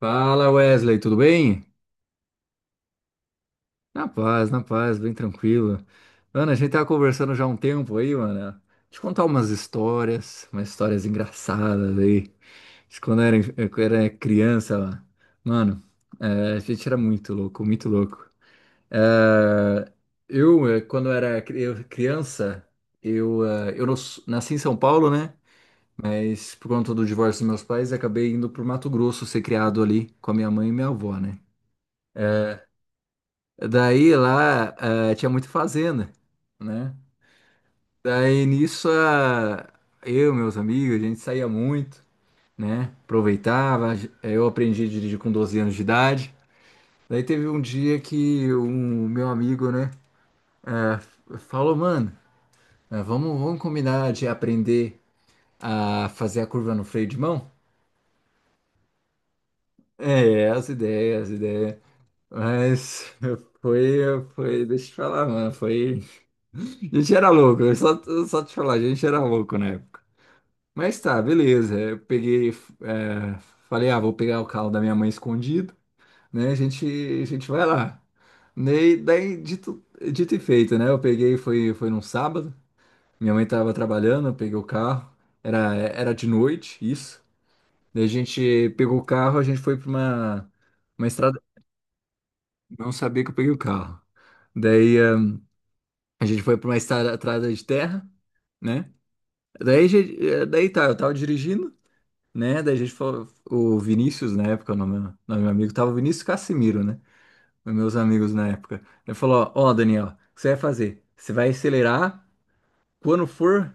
Fala Wesley, tudo bem? Na paz, bem tranquilo. Mano, a gente tava conversando já há um tempo aí, mano. Te contar umas histórias engraçadas aí. De quando eu era criança, mano. Mano, é, a gente era muito louco, muito louco. É, quando era criança, eu nasci em São Paulo, né? Mas por conta do divórcio dos meus pais, acabei indo pro Mato Grosso ser criado ali com a minha mãe e minha avó, né? Daí lá tinha muito fazenda, né? Daí nisso meus amigos, a gente saía muito, né? Aproveitava. Eu aprendi a dirigir com 12 anos de idade. Daí teve um dia que um meu amigo, né, falou, mano, vamos combinar de aprender a fazer a curva no freio de mão? É, as ideias, as ideias. Mas foi, deixa eu te falar, mano, foi. A gente era louco, eu só te falar, a gente era louco na época. Mas tá, beleza. Eu peguei, é, falei, ah, vou pegar o carro da minha mãe escondido, né? A gente vai lá. Daí, daí dito, dito e feito, né? Eu peguei, foi num sábado, minha mãe tava trabalhando, eu peguei o carro, era de noite, isso. Daí a gente pegou o carro, a gente foi pra uma estrada. Não sabia que eu peguei o carro. Daí a gente foi pra uma estrada de terra, né? Daí, daí tá, eu tava dirigindo, né? Daí a gente falou, o Vinícius, na época, o nome do meu amigo, tava o Vinícius Cassimiro, né? Os meus amigos na época. Ele falou: Ó, ó, Daniel, o que você vai fazer? Você vai acelerar quando for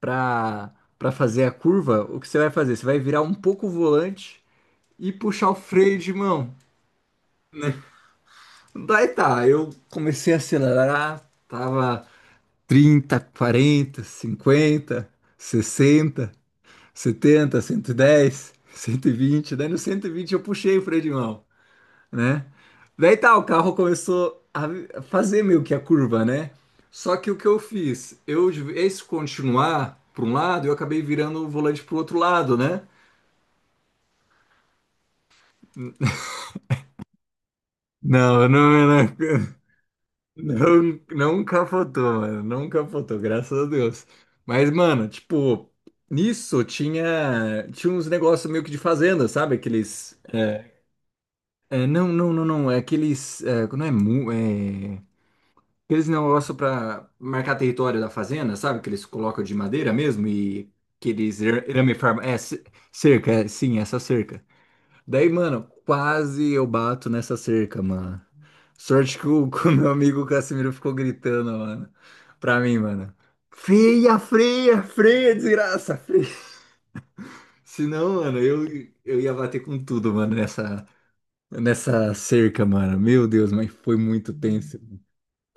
pra, pra fazer a curva, o que você vai fazer? Você vai virar um pouco o volante e puxar o freio de mão, né? Daí tá, eu comecei a acelerar, tava 30, 40, 50, 60, 70, 110, 120. Daí no 120 eu puxei o freio de mão, né? Daí tá, o carro começou a fazer meio que a curva, né? Só que o que eu fiz? De vez continuar para um lado, eu acabei virando o volante pro outro lado, né? Não, não, não, não, não capotou, mano. Não capotou, graças a Deus. Mas, mano, tipo, nisso tinha uns negócios meio que de fazenda, sabe? Aqueles. É, não, não, não, não. É aqueles. É, não é, é. Aqueles negócio para marcar território da fazenda, sabe? Que eles colocam de madeira mesmo e aqueles irame farm. É, cerca, é, sim, essa cerca. Daí, mano, quase eu bato nessa cerca, mano. Sorte que o meu amigo Casimiro ficou gritando, mano. Pra mim, mano. Freia, freia, freia, desgraça, freia. Senão, mano, eu ia bater com tudo, mano, nessa cerca, mano. Meu Deus, mas foi muito tenso.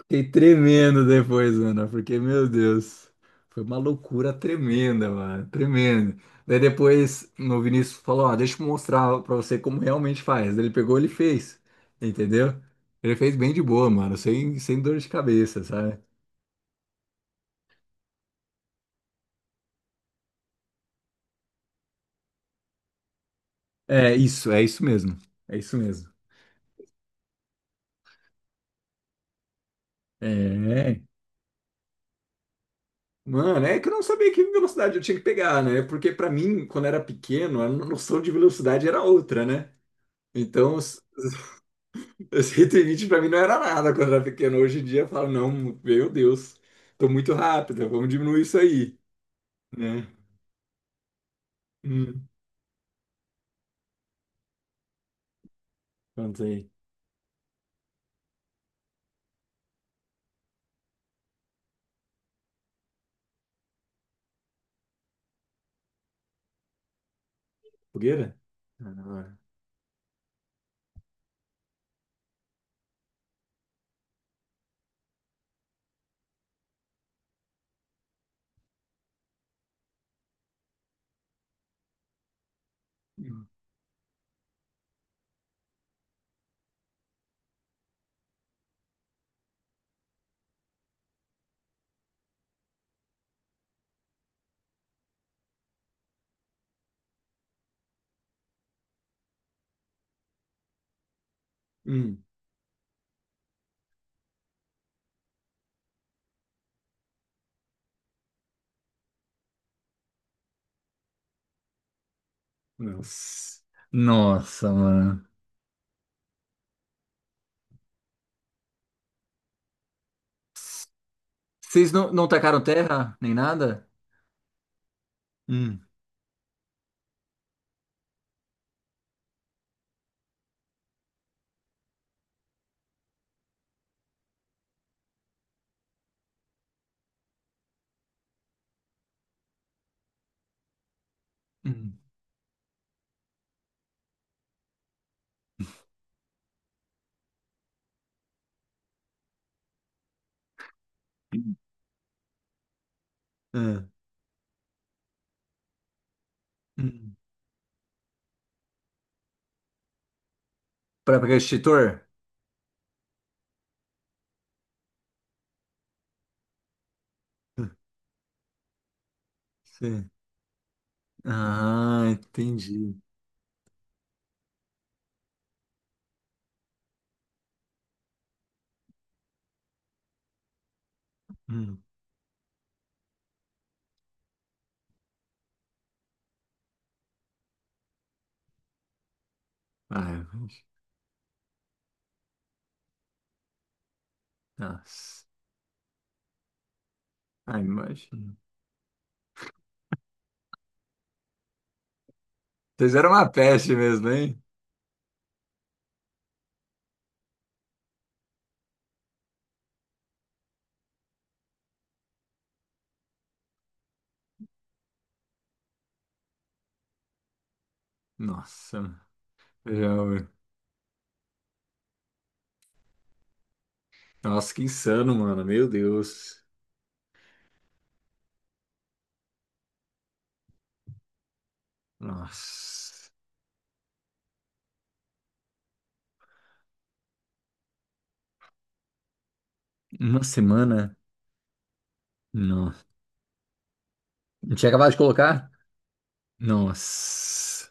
Fiquei tremendo depois, mano, porque, meu Deus, foi uma loucura tremenda, mano, tremendo. Daí depois, no Vinícius falou, ó, deixa eu mostrar pra você como realmente faz. Daí ele pegou, ele fez, entendeu? Ele fez bem de boa, mano, sem dor de cabeça, sabe? É isso mesmo, é isso mesmo. É, mano, é que eu não sabia que velocidade eu tinha que pegar, né? Porque pra mim, quando era pequeno, a noção de velocidade era outra, né? Então, os 120 para mim não era nada quando era pequeno. Hoje em dia eu falo, não, meu Deus, tô muito rápido, vamos diminuir isso aí, né? Hum. Quanto aí? Fogueira? Ah, não. Hum. Hum. Nossa. Nossa, mano. Vocês não, não tacaram terra nem nada? Hum. Hum. Ah. Hum. Pra pegar extintor? Sim. Ah, entendi. Hum. Ai, nossa. Ai, imagina. Vocês eram uma peste mesmo, hein? Nossa, já- nossa, que insano, mano. Meu Deus. Nossa. Uma semana? Não. Não tinha acabado de colocar? Nossa.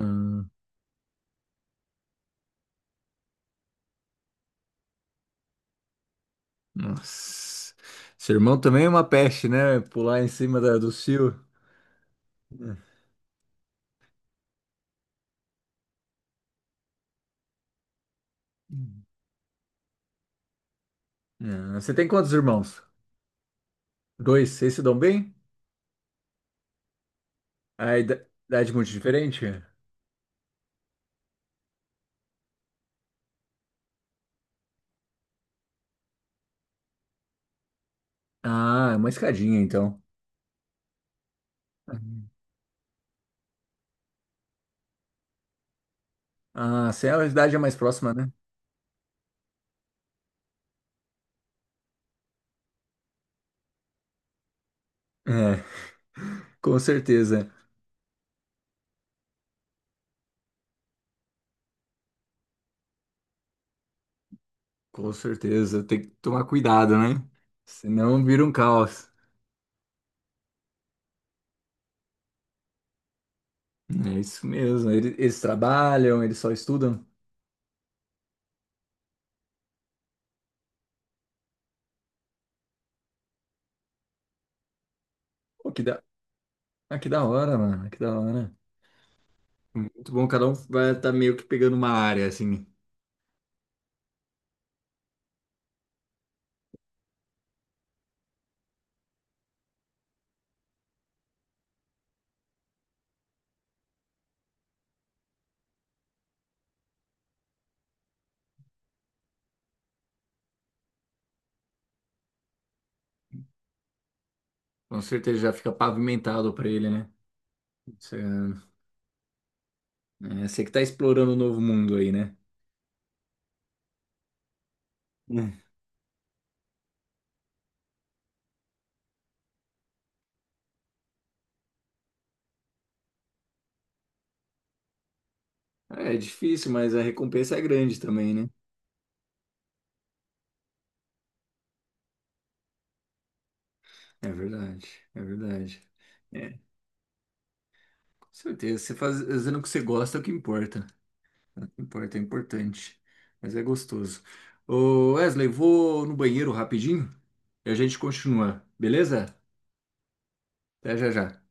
Hum. Nossa. Seu irmão também é uma peste, né? Pular em cima do cio. Hum. Ah, você tem quantos irmãos? Dois. Vocês se dão bem? A idade muito diferente? Ah, é uma escadinha, então. Ah, assim a idade é mais próxima, né? É, com certeza. Com certeza, tem que tomar cuidado, né? Senão vira um caos. É isso mesmo. Eles trabalham, eles só estudam? Pô, que da hora, mano. Que da hora. Muito bom, cada um vai estar meio que pegando uma área, assim. Com certeza já fica pavimentado pra ele, né? Você, é, você que tá explorando o novo mundo aí, né? Né. É, é difícil, mas a recompensa é grande também, né? É verdade, é verdade. É, com certeza. Você fazendo o que você gosta é o que importa. É importante, mas é gostoso. Ô Wesley, vou no banheiro rapidinho e a gente continua, beleza? Até já já.